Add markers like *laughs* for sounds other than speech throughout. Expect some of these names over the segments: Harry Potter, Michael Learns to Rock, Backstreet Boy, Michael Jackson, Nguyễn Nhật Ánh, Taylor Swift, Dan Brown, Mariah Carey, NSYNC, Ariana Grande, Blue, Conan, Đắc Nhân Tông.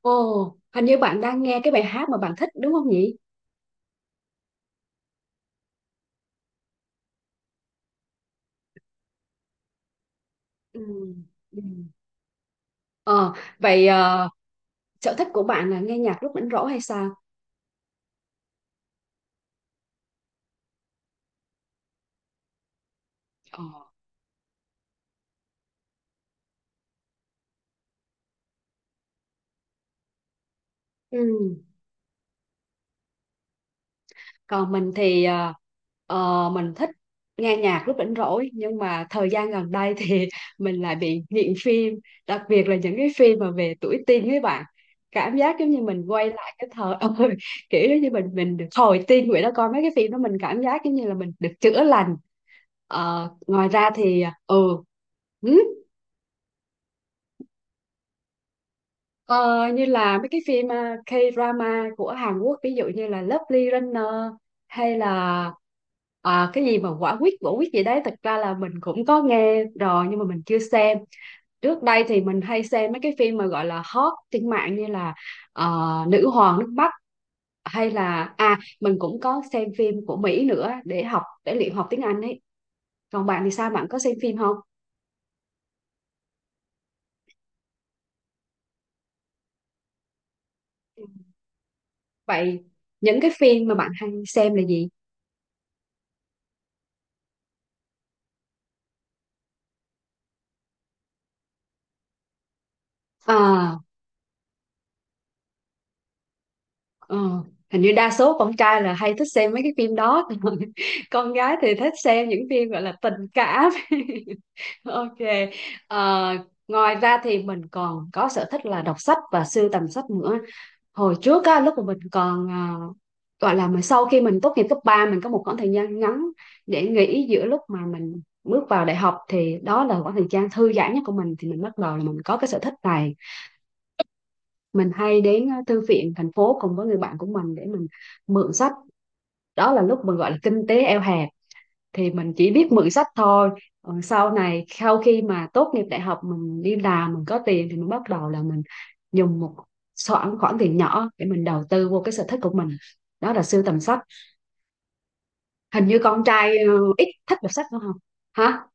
Ồ, hình như bạn đang nghe cái bài hát mà bạn thích đúng không nhỉ? Ừ. Ừ. Ờ, vậy sở thích của bạn là nghe nhạc lúc rảnh rỗi hay sao? Ờ. Ừ. Còn mình thì mình thích nghe nhạc lúc rảnh rỗi, nhưng mà thời gian gần đây thì *laughs* mình lại bị nghiện phim, đặc biệt là những cái phim mà về tuổi teen với bạn. Cảm giác giống như mình quay lại cái thời *laughs* ơi, kiểu giống như mình được hồi teen vậy đó, coi mấy cái phim đó mình cảm giác giống như là mình được chữa lành. Ờ, ngoài ra thì ừ ừ, ờ, như là mấy cái phim K-drama của Hàn Quốc, ví dụ như là Lovely Runner, hay là cái gì mà quả quyết gì đấy, thật ra là mình cũng có nghe rồi nhưng mà mình chưa xem. Trước đây thì mình hay xem mấy cái phim mà gọi là hot trên mạng như là ờ, Nữ hoàng nước Bắc, hay là à, mình cũng có xem phim của Mỹ nữa để học, để luyện học tiếng Anh ấy. Còn bạn thì sao, bạn có xem phim không? Vậy những cái phim mà bạn hay xem là gì? À, ờ, hình như đa số con trai là hay thích xem mấy cái phim đó. *laughs* Còn con gái thì thích xem những phim gọi là tình cảm. *laughs* Ok. Ờ, ngoài ra thì mình còn có sở thích là đọc sách và sưu tầm sách nữa. Hồi trước á, lúc mà mình còn à, gọi là mình sau khi mình tốt nghiệp cấp ba, mình có một khoảng thời gian ngắn để nghỉ giữa lúc mà mình bước vào đại học, thì đó là khoảng thời gian thư giãn nhất của mình, thì mình bắt đầu là mình có cái sở thích này. Mình hay đến thư viện thành phố cùng với người bạn của mình để mình mượn sách. Đó là lúc mình gọi là kinh tế eo hẹp, thì mình chỉ biết mượn sách thôi. Ờ, sau này sau khi mà tốt nghiệp đại học mình đi làm, mình có tiền thì mình bắt đầu là mình dùng một khoản khoản tiền nhỏ để mình đầu tư vô cái sở thích của mình, đó là sưu tầm sách. Hình như con trai ít thích đọc sách đúng không? Hả?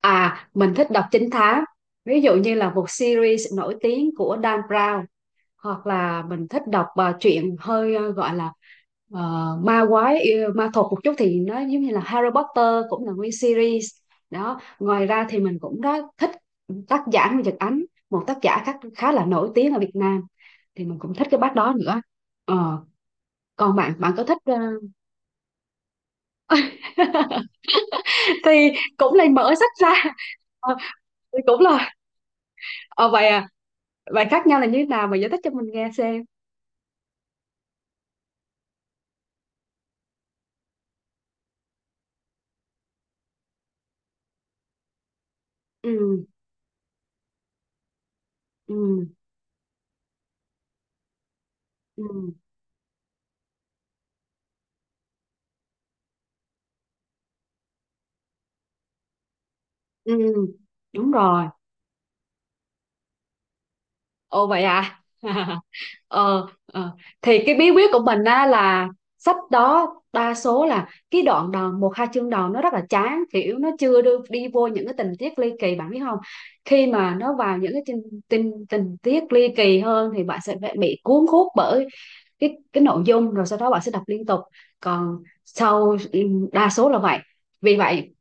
À, mình thích đọc trinh thám, ví dụ như là một series nổi tiếng của Dan Brown, hoặc là mình thích đọc truyện hơi gọi là ờ, ma quái yêu- ma thuật một chút, thì nó giống như là Harry Potter, cũng là nguyên series đó. Ngoài ra thì mình cũng đã thích tác giả Nguyễn Nhật Ánh, một tác giả khá là nổi tiếng ở Việt Nam, thì mình cũng thích cái bác đó nữa. Ờ, còn bạn, bạn có thích *laughs* thì cũng lại mở sách ra. Ờ, thì cũng là vậy à, vậy khác nhau là như thế nào, mà giải thích cho mình nghe xem. Ừ. ừ ừ ừ ừ, đúng rồi. Ồ vậy à? *laughs* ờ, ờ. Thì cái bí quyết của mình á là sách đó đa số là cái đoạn đầu, một hai chương đầu nó rất là chán, kiểu nó chưa đưa đi vô những cái tình tiết ly kỳ, bạn biết không? Khi mà nó vào những cái tình tình, tình tiết ly kỳ hơn thì bạn sẽ phải bị cuốn hút bởi cái nội dung, rồi sau đó bạn sẽ đọc liên tục. Còn sau ừ, đa số là vậy. Vì vậy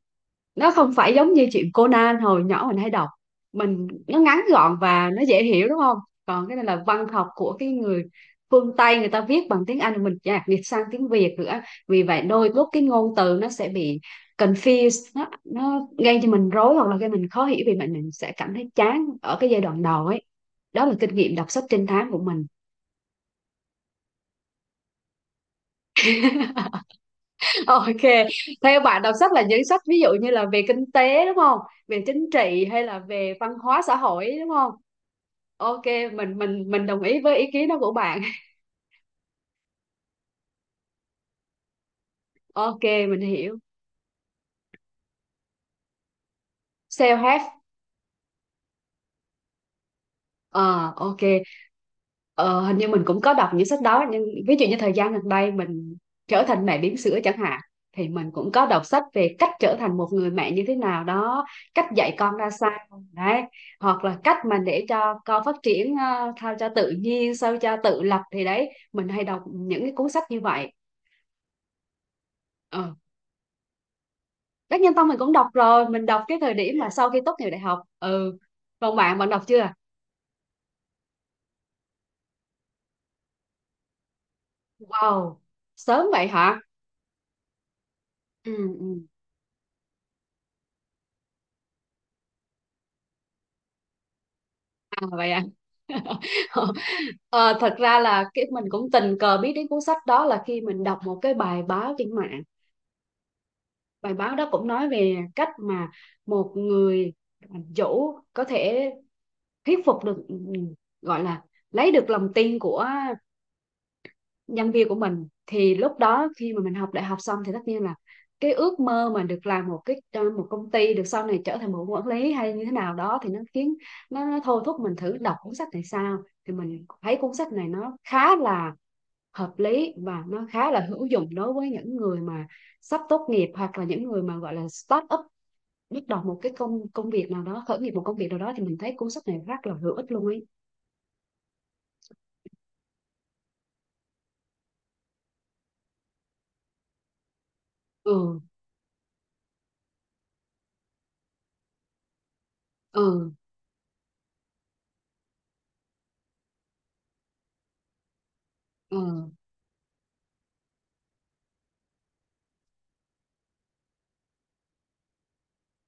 nó không phải giống như chuyện Conan hồi nhỏ mình hay đọc, mình nó ngắn gọn và nó dễ hiểu đúng không? Còn cái này là văn học của cái người phương Tây, người ta viết bằng tiếng Anh rồi mình dịch dịch sang tiếng Việt nữa, vì vậy đôi lúc cái ngôn từ nó sẽ bị confused, nó gây cho mình rối hoặc là gây mình khó hiểu, vì vậy mình sẽ cảm thấy chán ở cái giai đoạn đầu ấy. Đó là kinh nghiệm đọc sách trinh thám của mình. *laughs* Ok, theo bạn đọc sách là những sách ví dụ như là về kinh tế đúng không? Về chính trị hay là về văn hóa xã hội đúng không? Ok, mình mình đồng ý với ý kiến đó của bạn. *laughs* Ok, mình hiểu. Self-help. Ờ, ok. Ờ, hình như mình cũng có đọc những sách đó, nhưng ví dụ như thời gian gần đây mình trở thành mẹ bỉm sữa chẳng hạn, thì mình cũng có đọc sách về cách trở thành một người mẹ như thế nào đó, cách dạy con ra sao đấy, hoặc là cách mà để cho con phát triển sao cho tự nhiên, sao cho tự lập, thì đấy mình hay đọc những cái cuốn sách như vậy. Ừ. Đắc Nhân Tông mình cũng đọc rồi, mình đọc cái thời điểm mà sau khi tốt nghiệp đại học. Ừ, còn bạn, bạn đọc chưa? Wow, sớm vậy hả? ừ, ừ. À, vậy à. *laughs* Ờ, thật ra là cái mình cũng tình cờ biết đến cuốn sách đó là khi mình đọc một cái bài báo trên mạng. Bài báo đó cũng nói về cách mà một người chủ có thể thuyết phục được ừ, gọi là lấy được lòng tin của nhân viên của mình, thì lúc đó khi mà mình học đại học xong thì tất nhiên là cái ước mơ mà được làm một cái một công ty được, sau này trở thành một quản lý hay như thế nào đó, thì nó khiến nó thôi thúc mình thử đọc cuốn sách này sao. Thì mình thấy cuốn sách này nó khá là hợp lý, và nó khá là hữu dụng đối với những người mà sắp tốt nghiệp, hoặc là những người mà gọi là start up, bắt đầu một cái công công việc nào đó, khởi nghiệp một công việc nào đó, thì mình thấy cuốn sách này rất là hữu ích luôn ấy. ừ ừ ừ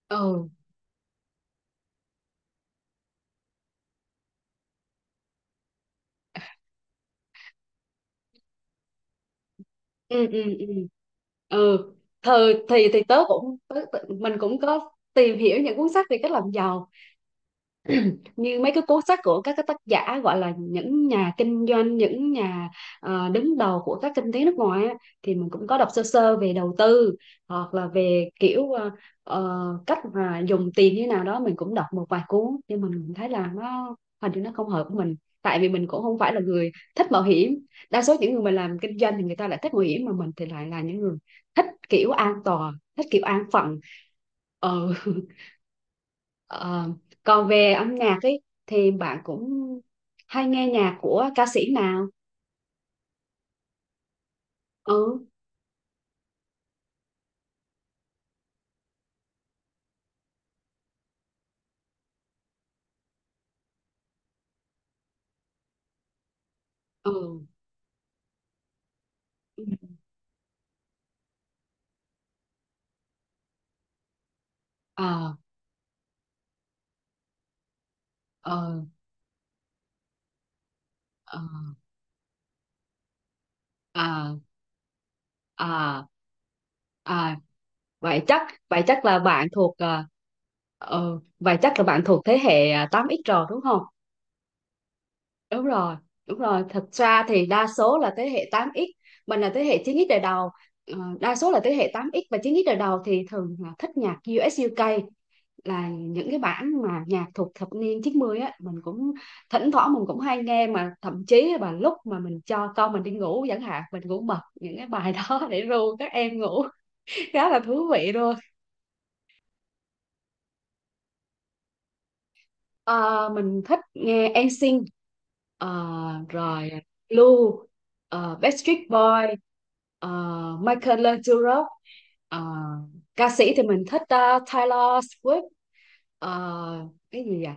ừ ừ ừ ừ ừ thời thì tớ cũng tớ, tớ- mình cũng có tìm hiểu những cuốn sách về cách làm giàu, như mấy cái cuốn sách của các cái tác giả gọi là những nhà kinh doanh, những nhà đứng đầu của các kinh tế nước ngoài á, thì mình cũng có đọc sơ sơ về đầu tư, hoặc là về kiểu cách mà dùng tiền như thế nào đó, mình cũng đọc một vài cuốn nhưng mình thấy là nó, hình như nó không hợp với mình, tại vì mình cũng không phải là người thích mạo hiểm. Đa số những người mà làm kinh doanh thì người ta lại thích mạo hiểm, mà mình thì lại là những người thích kiểu an toàn, thích kiểu an phận. ờ *laughs* Ờ, còn về âm nhạc ấy, thì bạn cũng hay nghe nhạc của ca sĩ nào? Ừ, ừ, ừ, ờ, ờ, ờ, ờ, ờ, ờ. Vậy chắc vậy chắc là bạn thuộc ờ, ừ, vậy chắc là bạn thuộc thế hệ à, 8X rồi đúng không? Đúng rồi, đúng rồi. Thật ra thì đa số là thế hệ 8X, mình là thế hệ 9X đời đầu. Ờ, đa số là thế hệ 8X và 9X đời đầu thì thường là thích nhạc US UK, là những cái bản mà nhạc thuộc thập niên 90 á. Mình cũng thỉnh thoảng mình cũng hay nghe, mà thậm chí là lúc mà mình cho con mình đi ngủ chẳng hạn, mình cũng bật những cái bài *laughs* đó để ru các em ngủ. *laughs* Khá là thú vị luôn. Ờ, mình thích nghe NSYNC, uh, rồi Blue, Backstreet Boy, ờ, Michael Learns to Rock. Ờ, ca sĩ thì mình thích Taylor Swift. Ờ, cái gì à,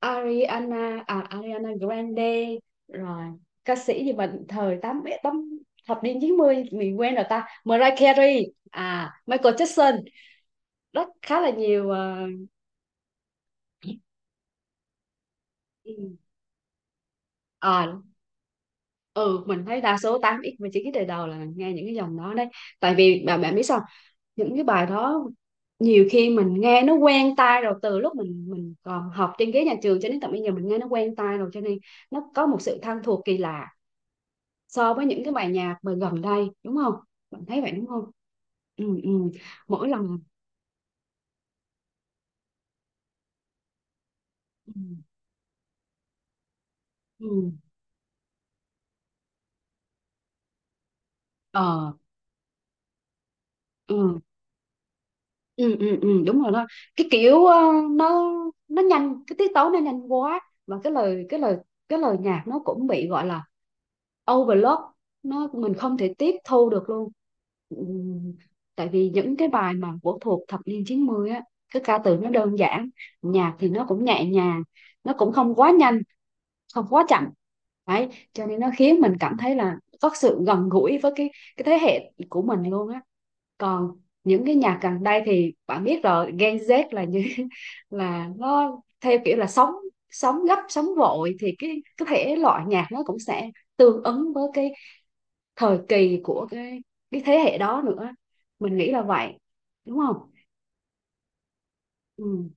Ariana Grande, rồi ca sĩ gì mà thời tám tám, thập niên 90 mình quen rồi ta, Mariah Carey, à Michael Jackson, rất khá là nhiều. Ờ, Ừ. Ờ, ừ mình thấy đa số tám x và 9x đời đầu là nghe những cái dòng đó đấy, tại vì bạn, bạn biết sao, những cái bài đó nhiều khi mình nghe nó quen tai rồi, từ lúc mình còn học trên ghế nhà trường cho đến tận bây giờ mình nghe nó quen tai rồi, cho nên nó có một sự thân thuộc kỳ lạ so với những cái bài nhạc mà gần đây đúng không? Bạn thấy vậy đúng không? Ừ. Mỗi lần ừ ừ ờ ừ. Ừ đúng rồi đó. Cái kiểu nó nó nhanh, cái tiết tấu nó nhanh quá, và cái lời nhạc nó cũng bị gọi là overload, nó mình không thể tiếp thu được luôn. Ừ, tại vì những cái bài mà của thuộc thập niên 90 á, cái ca từ nó đơn giản, nhạc thì nó cũng nhẹ nhàng, nó cũng không quá nhanh, không quá chậm, đấy cho nên nó khiến mình cảm thấy là có sự gần gũi với cái thế hệ của mình luôn á. Còn những cái nhạc gần đây thì bạn biết rồi, Gen Z là như *laughs* là nó theo kiểu là sống, sống gấp sống vội, thì cái thể loại nhạc nó cũng sẽ tương ứng với cái thời kỳ của cái thế hệ đó nữa, mình nghĩ là vậy đúng không? ừ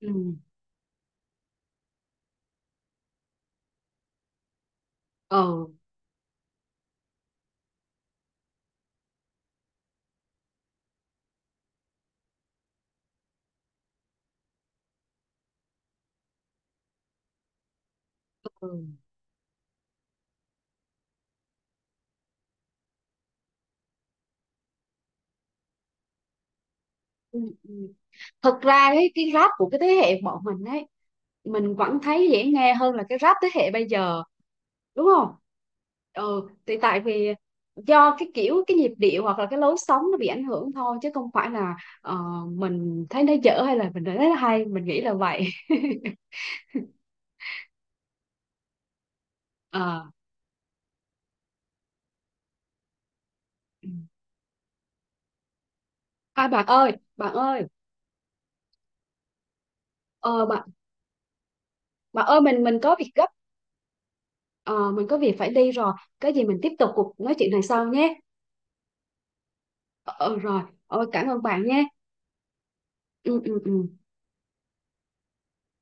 ừ ừ, ừ. ừ. Thật ra đấy, cái rap của cái thế hệ bọn mình ấy, mình vẫn thấy dễ nghe hơn là cái rap thế hệ bây giờ đúng không? Ừ, thì tại vì do cái kiểu cái nhịp điệu hoặc là cái lối sống nó bị ảnh hưởng thôi, chứ không phải là ờ, mình thấy nó dở hay là mình thấy nó hay, mình nghĩ là vậy. *laughs* à, bạn ơi, bạn ơi, ờ, bạn bạn ơi, mình có việc gấp. Ờ, mình có việc phải đi rồi, cái gì mình tiếp tục cuộc nói chuyện này sau nhé. Ờ, rồi. Ờ, cảm ơn bạn nhé. Ừ.